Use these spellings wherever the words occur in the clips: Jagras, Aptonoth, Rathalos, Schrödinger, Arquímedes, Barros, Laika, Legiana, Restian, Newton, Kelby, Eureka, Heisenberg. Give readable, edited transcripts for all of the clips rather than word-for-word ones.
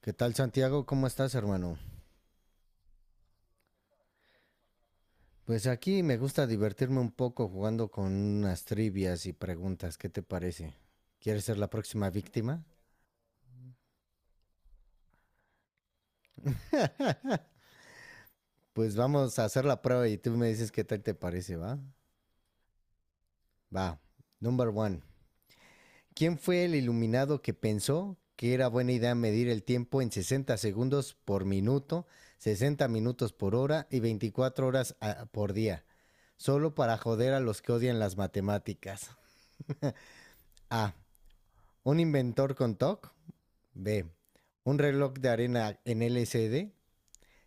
¿Qué tal Santiago? ¿Cómo estás, hermano? Pues aquí me gusta divertirme un poco jugando con unas trivias y preguntas. ¿Qué te parece? ¿Quieres ser la próxima víctima? Pues vamos a hacer la prueba y tú me dices qué tal te parece, ¿va? Va. Number one. ¿Quién fue el iluminado que pensó que era buena idea medir el tiempo en 60 segundos por minuto, 60 minutos por hora y 24 horas por día? Solo para joder a los que odian las matemáticas. A. Un inventor con TOC. B. Un reloj de arena en LCD. C. D,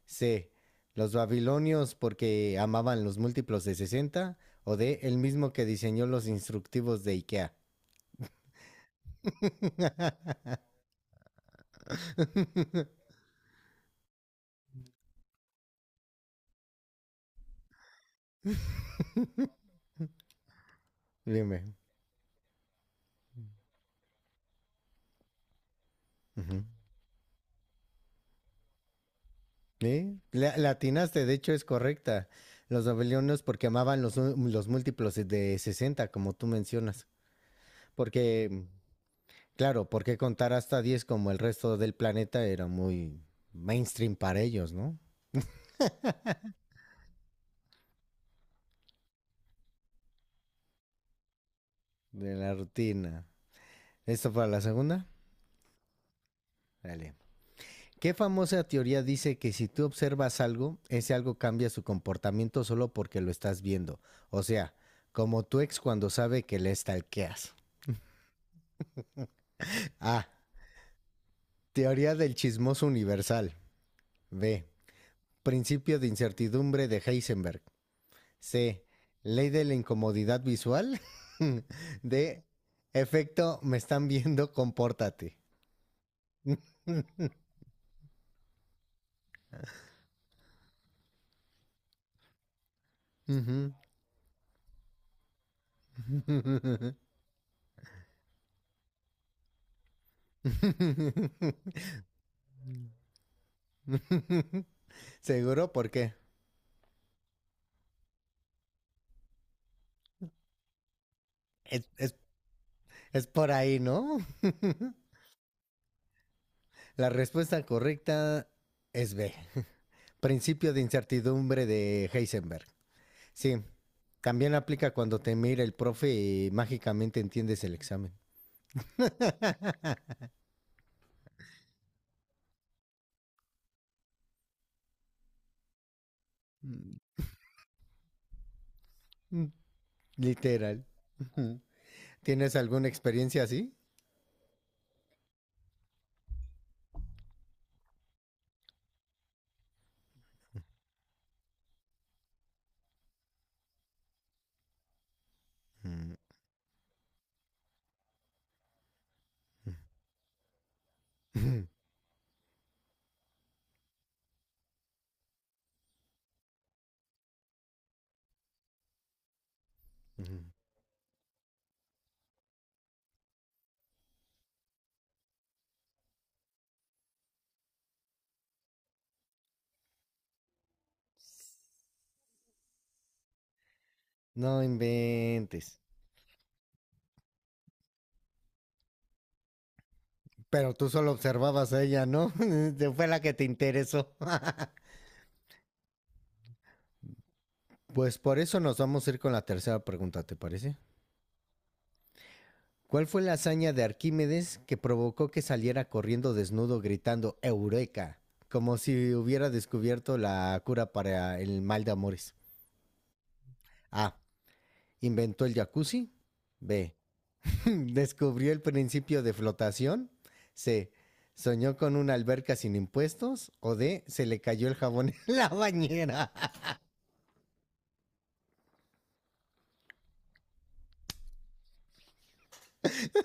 C, los babilonios porque amaban los múltiplos de sesenta. O D. El mismo que diseñó los instructivos de IKEA. Dime. Ujú. ¿Eh? La atinaste, de hecho es correcta. Los babilonios porque amaban los múltiplos de 60 como tú mencionas. Porque, claro, porque contar hasta 10 como el resto del planeta era muy mainstream para ellos, ¿no? De la rutina. ¿Esto para la segunda? Dale. ¿Qué famosa teoría dice que si tú observas algo, ese algo cambia su comportamiento solo porque lo estás viendo? O sea, como tu ex cuando sabe que le stalkeas. A. Teoría del chismoso universal. B. Principio de incertidumbre de Heisenberg. C. Ley de la incomodidad visual. D. Efecto, me están viendo, compórtate. Ujú. Seguro, ¿por qué? Es, es, es por ahí, ¿no? La respuesta correcta es B. Principio de incertidumbre de Heisenberg. Sí, también aplica cuando te mira el profe y mágicamente entiendes el examen. Mm, literal. ¿Tienes alguna experiencia así? No inventes. Pero tú solo observabas a ella, ¿no? Fue la que te interesó. Pues por eso nos vamos a ir con la tercera pregunta, ¿te parece? ¿Cuál fue la hazaña de Arquímedes que provocó que saliera corriendo desnudo gritando Eureka? Como si hubiera descubierto la cura para el mal de amores. A. Inventó el jacuzzi. B. Descubrió el principio de flotación. C. Soñó con una alberca sin impuestos. O D. Se le cayó el jabón en la bañera.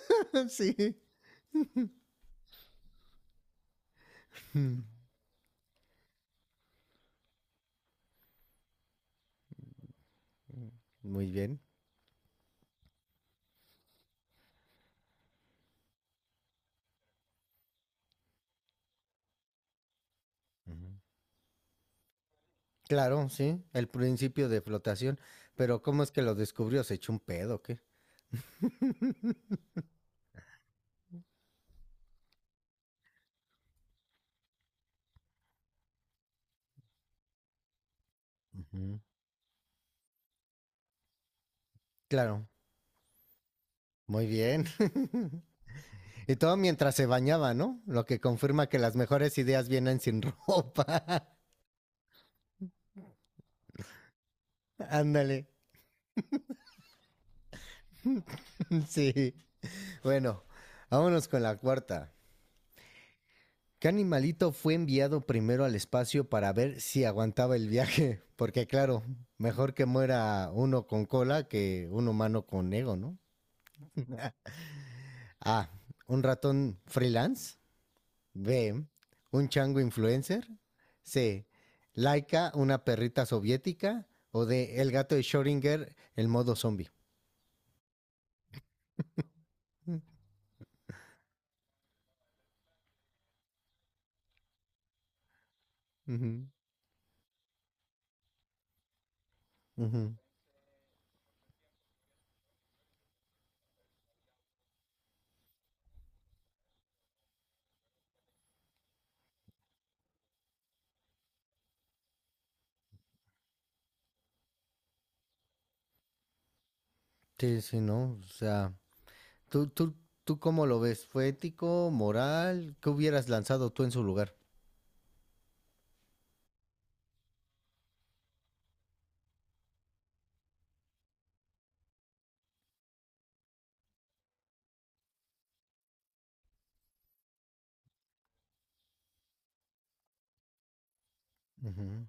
Sí. Muy bien. Uh-huh. Claro, sí. El principio de flotación. Pero ¿cómo es que lo descubrió? ¿Se echó un pedo o qué? Ujú. Claro, muy bien. Y todo mientras se bañaba, ¿no? Lo que confirma que las mejores ideas vienen sin ropa. Ándale. Sí. Bueno, vámonos con la cuarta. ¿Qué animalito fue enviado primero al espacio para ver si aguantaba el viaje? Porque claro, mejor que muera uno con cola que un humano con ego, ¿no? A. Un ratón freelance. B, un chango influencer. C, Laika, una perrita soviética. O D, el gato de Schrödinger, el modo zombie. Ujú. Ujú. Sí, sí, ¿no? O sea, ¿tú, tú, ¿tú cómo lo ves? ¿Fue ético, moral? ¿Qué hubieras lanzado tú en su lugar? Ujú.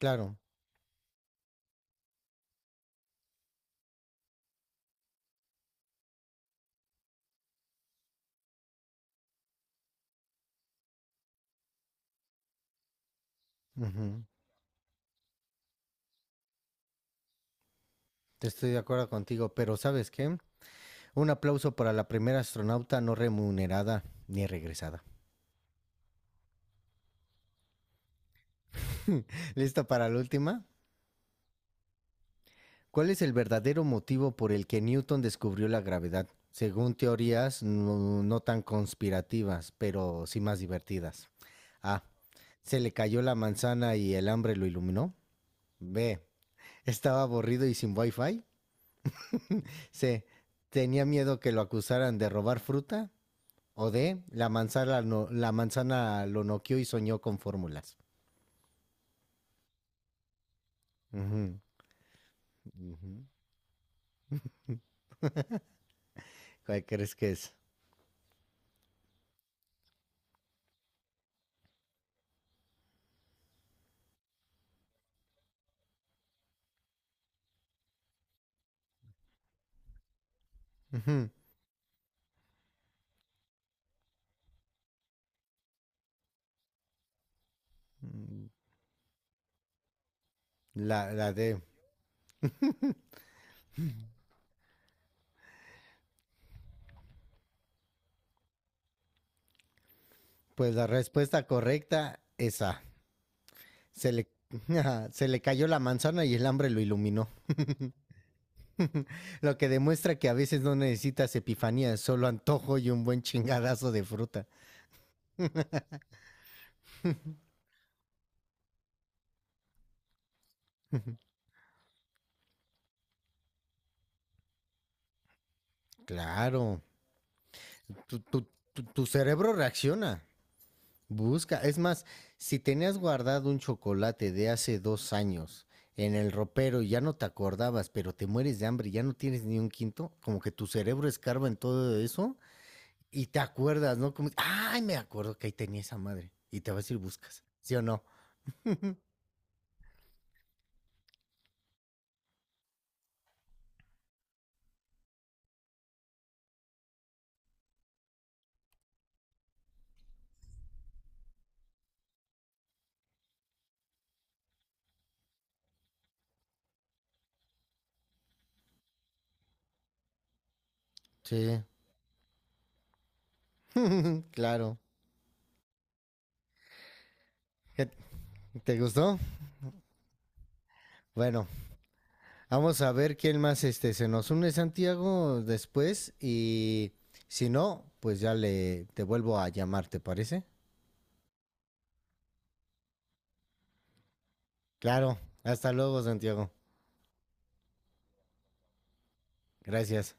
Claro, ujú. Estoy de acuerdo contigo, pero ¿sabes qué? Un aplauso para la primera astronauta no remunerada ni regresada. ¿Listo para la última? ¿Cuál es el verdadero motivo por el que Newton descubrió la gravedad? Según teorías no tan conspirativas, pero sí más divertidas. A. Se le cayó la manzana y el hambre lo iluminó. B. Estaba aburrido y sin wifi. C. Tenía miedo que lo acusaran de robar fruta. O D. La manzana, no- la manzana lo noqueó y soñó con fórmulas. Ujú, ujú. ¿Cuál crees que es? Ujú. Mm, la, la D. Pues la respuesta correcta es A. Se le, se le cayó la manzana y el hambre lo iluminó. Lo que demuestra que a veces no necesitas epifanía, solo antojo y un buen chingadazo de fruta. Claro, tu, tu, tu cerebro reacciona. Busca, es más, si tenías guardado un chocolate de hace 2 años en el ropero y ya no te acordabas, pero te mueres de hambre y ya no tienes ni un quinto, como que tu cerebro escarba en todo eso y te acuerdas, ¿no? Como, ay, me acuerdo que ahí tenía esa madre. Y te vas y buscas, ¿sí o no? Sí. Claro. ¿Te gustó? Bueno, vamos a ver quién más este, se nos une Santiago después y si no, pues ya le te vuelvo a llamar, ¿te parece? Claro, hasta luego Santiago. Gracias.